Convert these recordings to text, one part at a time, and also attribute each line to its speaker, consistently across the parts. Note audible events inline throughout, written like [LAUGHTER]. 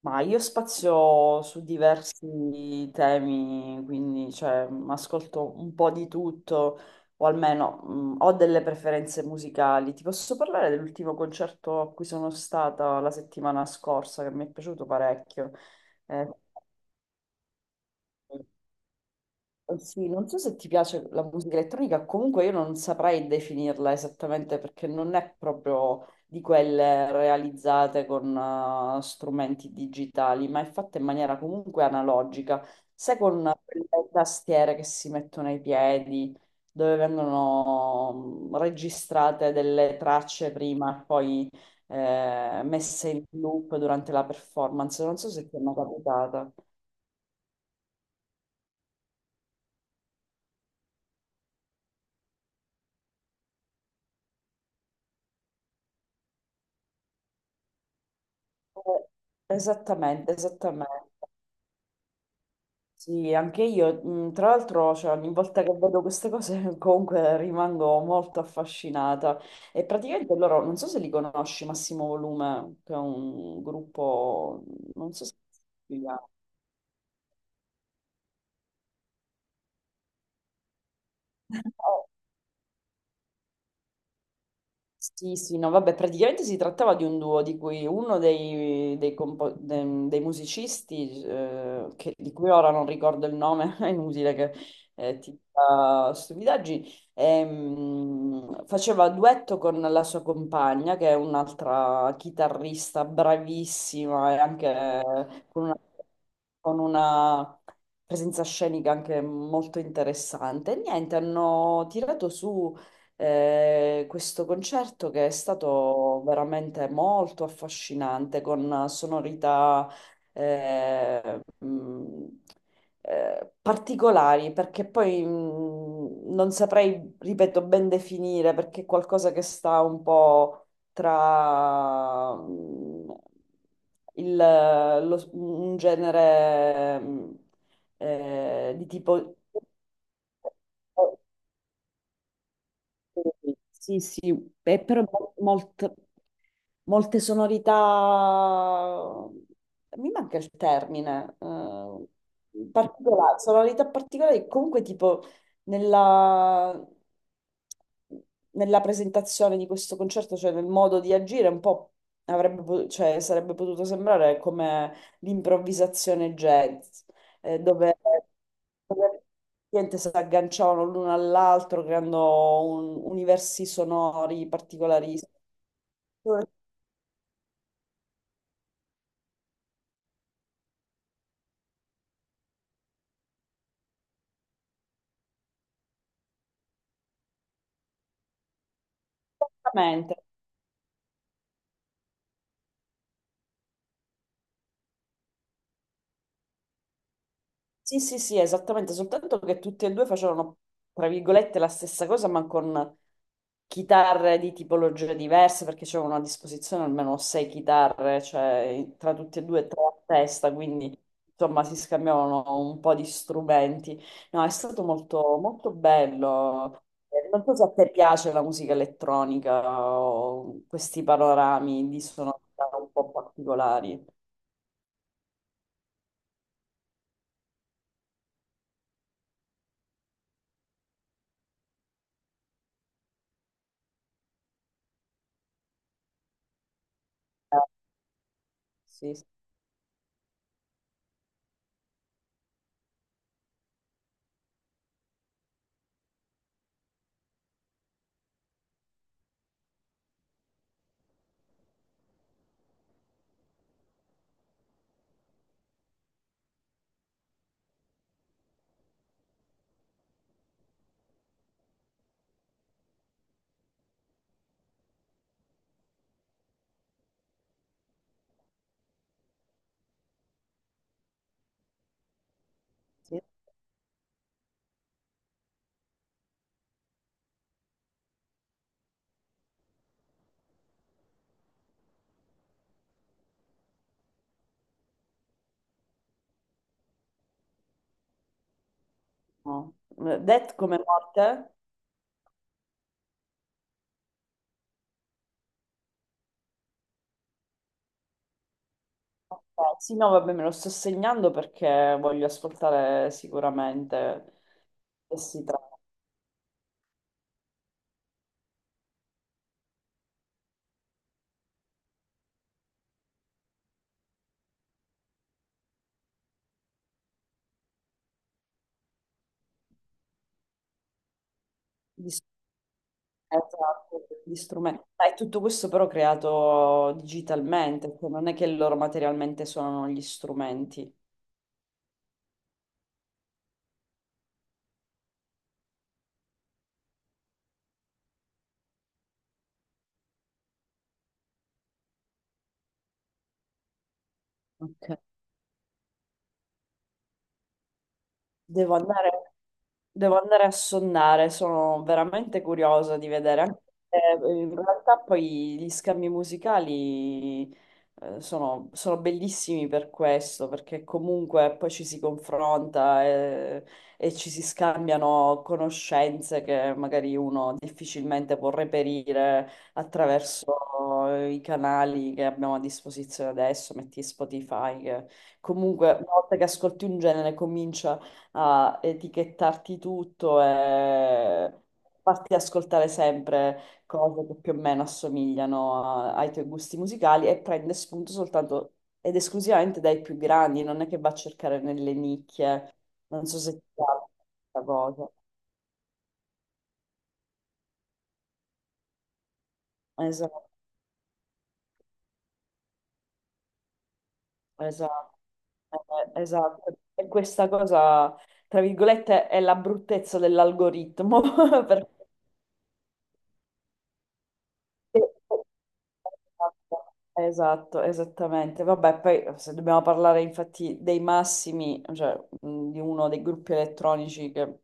Speaker 1: Ma io spazio su diversi temi, quindi cioè, ascolto un po' di tutto, o almeno ho delle preferenze musicali. Ti posso parlare dell'ultimo concerto a cui sono stata la settimana scorsa, che mi è piaciuto parecchio. Eh, Sì, non so se ti piace la musica elettronica, comunque io non saprei definirla esattamente perché non è proprio di quelle realizzate con strumenti digitali, ma è fatta in maniera comunque analogica, se con le tastiere che si mettono ai piedi, dove vengono registrate delle tracce prima e poi messe in loop durante la performance, non so se ti è mai capitata. Eh, Esattamente, esattamente. Sì, anche io, tra l'altro, cioè, ogni volta che vedo queste cose [LAUGHS] comunque rimango molto affascinata. E praticamente loro, non so se li conosci, Massimo Volume, che è un gruppo, non so se... [LAUGHS] Sì, sì, no, vabbè, praticamente si trattava di un duo di cui uno dei musicisti, di cui ora non ricordo il nome, [LAUGHS] è inutile che ti dica stupidaggini, faceva duetto con la sua compagna, che è un'altra chitarrista bravissima e anche con una presenza scenica anche molto interessante. E niente, hanno tirato su questo concerto che è stato veramente molto affascinante con sonorità eh, mh, particolari, perché poi non saprei, ripeto, ben definire, perché è qualcosa che sta un po' tra il, un genere di tipo sì, sì, è però molto, molte sonorità, mi manca il termine, particolari, sonorità particolari, comunque tipo nella, nella presentazione di questo concerto, cioè nel modo di agire, un po' cioè, sarebbe potuto sembrare come l'improvvisazione jazz, dove, dove niente, si agganciavano l'uno all'altro creando universi sonori particolari. Esattamente. Sì, sì, sì, esattamente, soltanto che tutti e due facevano, tra virgolette, la stessa cosa, ma con chitarre di tipologie diverse, perché c'erano a disposizione almeno 6 chitarre, cioè tra tutti e due tre a testa, quindi insomma si scambiavano un po' di strumenti. No, è stato molto, molto bello. Non so se a te piace la musica elettronica o questi panorami di sonorità un po' particolari. Eh, sì, sì. Sì. No. Det come morte? Ok, sì, no, vabbè, me lo sto segnando perché voglio ascoltare sicuramente che si tratta di, esatto, di strumenti. Ma è tutto questo però creato digitalmente, cioè non è che loro materialmente suonano gli strumenti. Ok. Devo andare, devo andare a sonnare, sono veramente curiosa di vedere. Anche se, in realtà poi gli scambi musicali sono, sono bellissimi per questo, perché comunque poi ci si confronta e, ci si scambiano conoscenze che magari uno difficilmente può reperire attraverso i canali che abbiamo a disposizione adesso, metti Spotify, che comunque una volta che ascolti un genere comincia a etichettarti tutto e farti ascoltare sempre cose che più o meno assomigliano ai tuoi gusti musicali e prende spunto soltanto ed esclusivamente dai più grandi, non è che va a cercare nelle nicchie. Non so se ti piace questa cosa. Esatto, esatto, esatto. E questa cosa, tra virgolette, è la bruttezza dell'algoritmo. [LAUGHS] perché esatto, esattamente. Vabbè, poi se dobbiamo parlare infatti dei massimi, cioè di uno dei gruppi elettronici che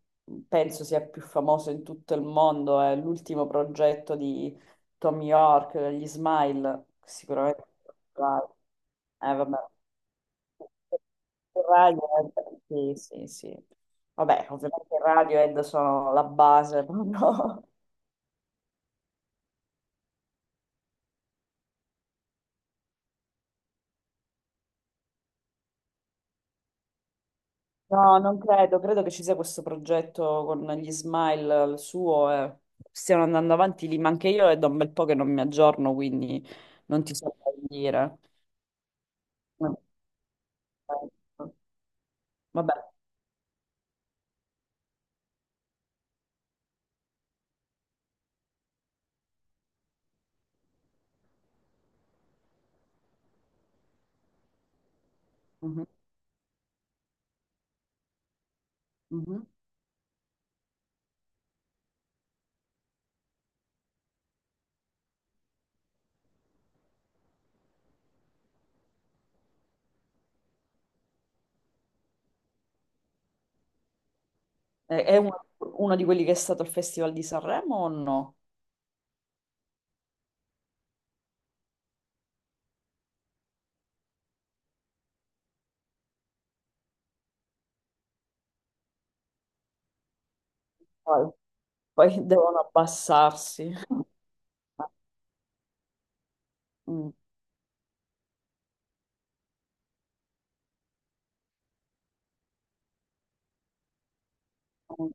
Speaker 1: penso sia più famoso in tutto il mondo, è l'ultimo progetto di Tom York, gli Smile, sicuramente. Vabbè. Il radio sì, sì, sì. Vabbè, ovviamente il Radiohead sono la base, [LAUGHS] no? No, non credo, credo che ci sia questo progetto con gli Smile, il suo, e stiano andando avanti lì, ma anche io è da un bel po' che non mi aggiorno, quindi non ti so dire. Vabbè, mhm, mhm. È uno, uno di quelli che è stato al Festival di Sanremo o no? Poi, poi devono abbassarsi. [LAUGHS] Mm. Mm.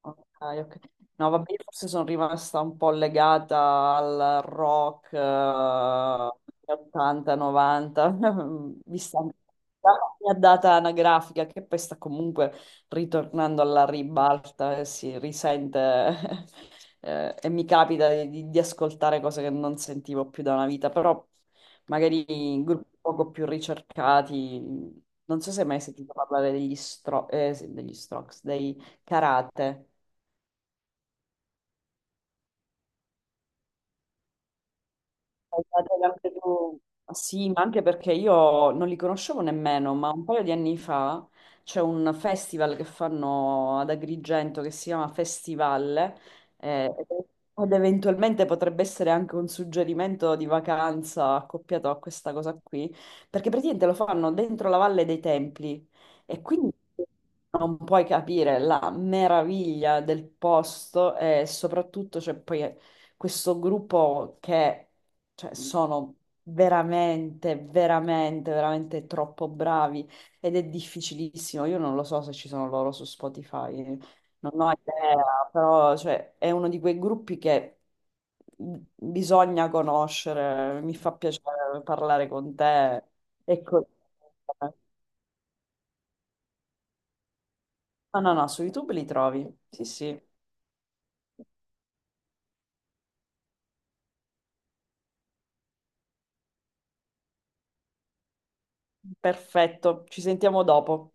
Speaker 1: Ok, ok. No, vabbè, io forse sono rimasta un po' legata al rock 80-90, [LAUGHS] vista anche la mia data anagrafica, che poi sta comunque ritornando alla ribalta e si risente. [LAUGHS] E mi capita di, di ascoltare cose che non sentivo più da una vita, però magari in gruppi poco più ricercati. Non so se hai mai sentito parlare degli, sì, degli Strokes, dei Karate. Hai dato anche tu. Sì, ma anche perché io non li conoscevo nemmeno, ma un paio di anni fa c'è un festival che fanno ad Agrigento che si chiama Festival, eh, ed eventualmente potrebbe essere anche un suggerimento di vacanza accoppiato a questa cosa qui, perché praticamente lo fanno dentro la Valle dei Templi e quindi non puoi capire la meraviglia del posto e soprattutto c'è poi questo gruppo che cioè, sono veramente, veramente, veramente troppo bravi ed è difficilissimo. Io non lo so se ci sono loro su Spotify, non ho idea, però cioè, è uno di quei gruppi che bisogna conoscere. Mi fa piacere parlare con te. E con- No, no, no, su YouTube li trovi. Sì, sì, perfetto. Ci sentiamo dopo.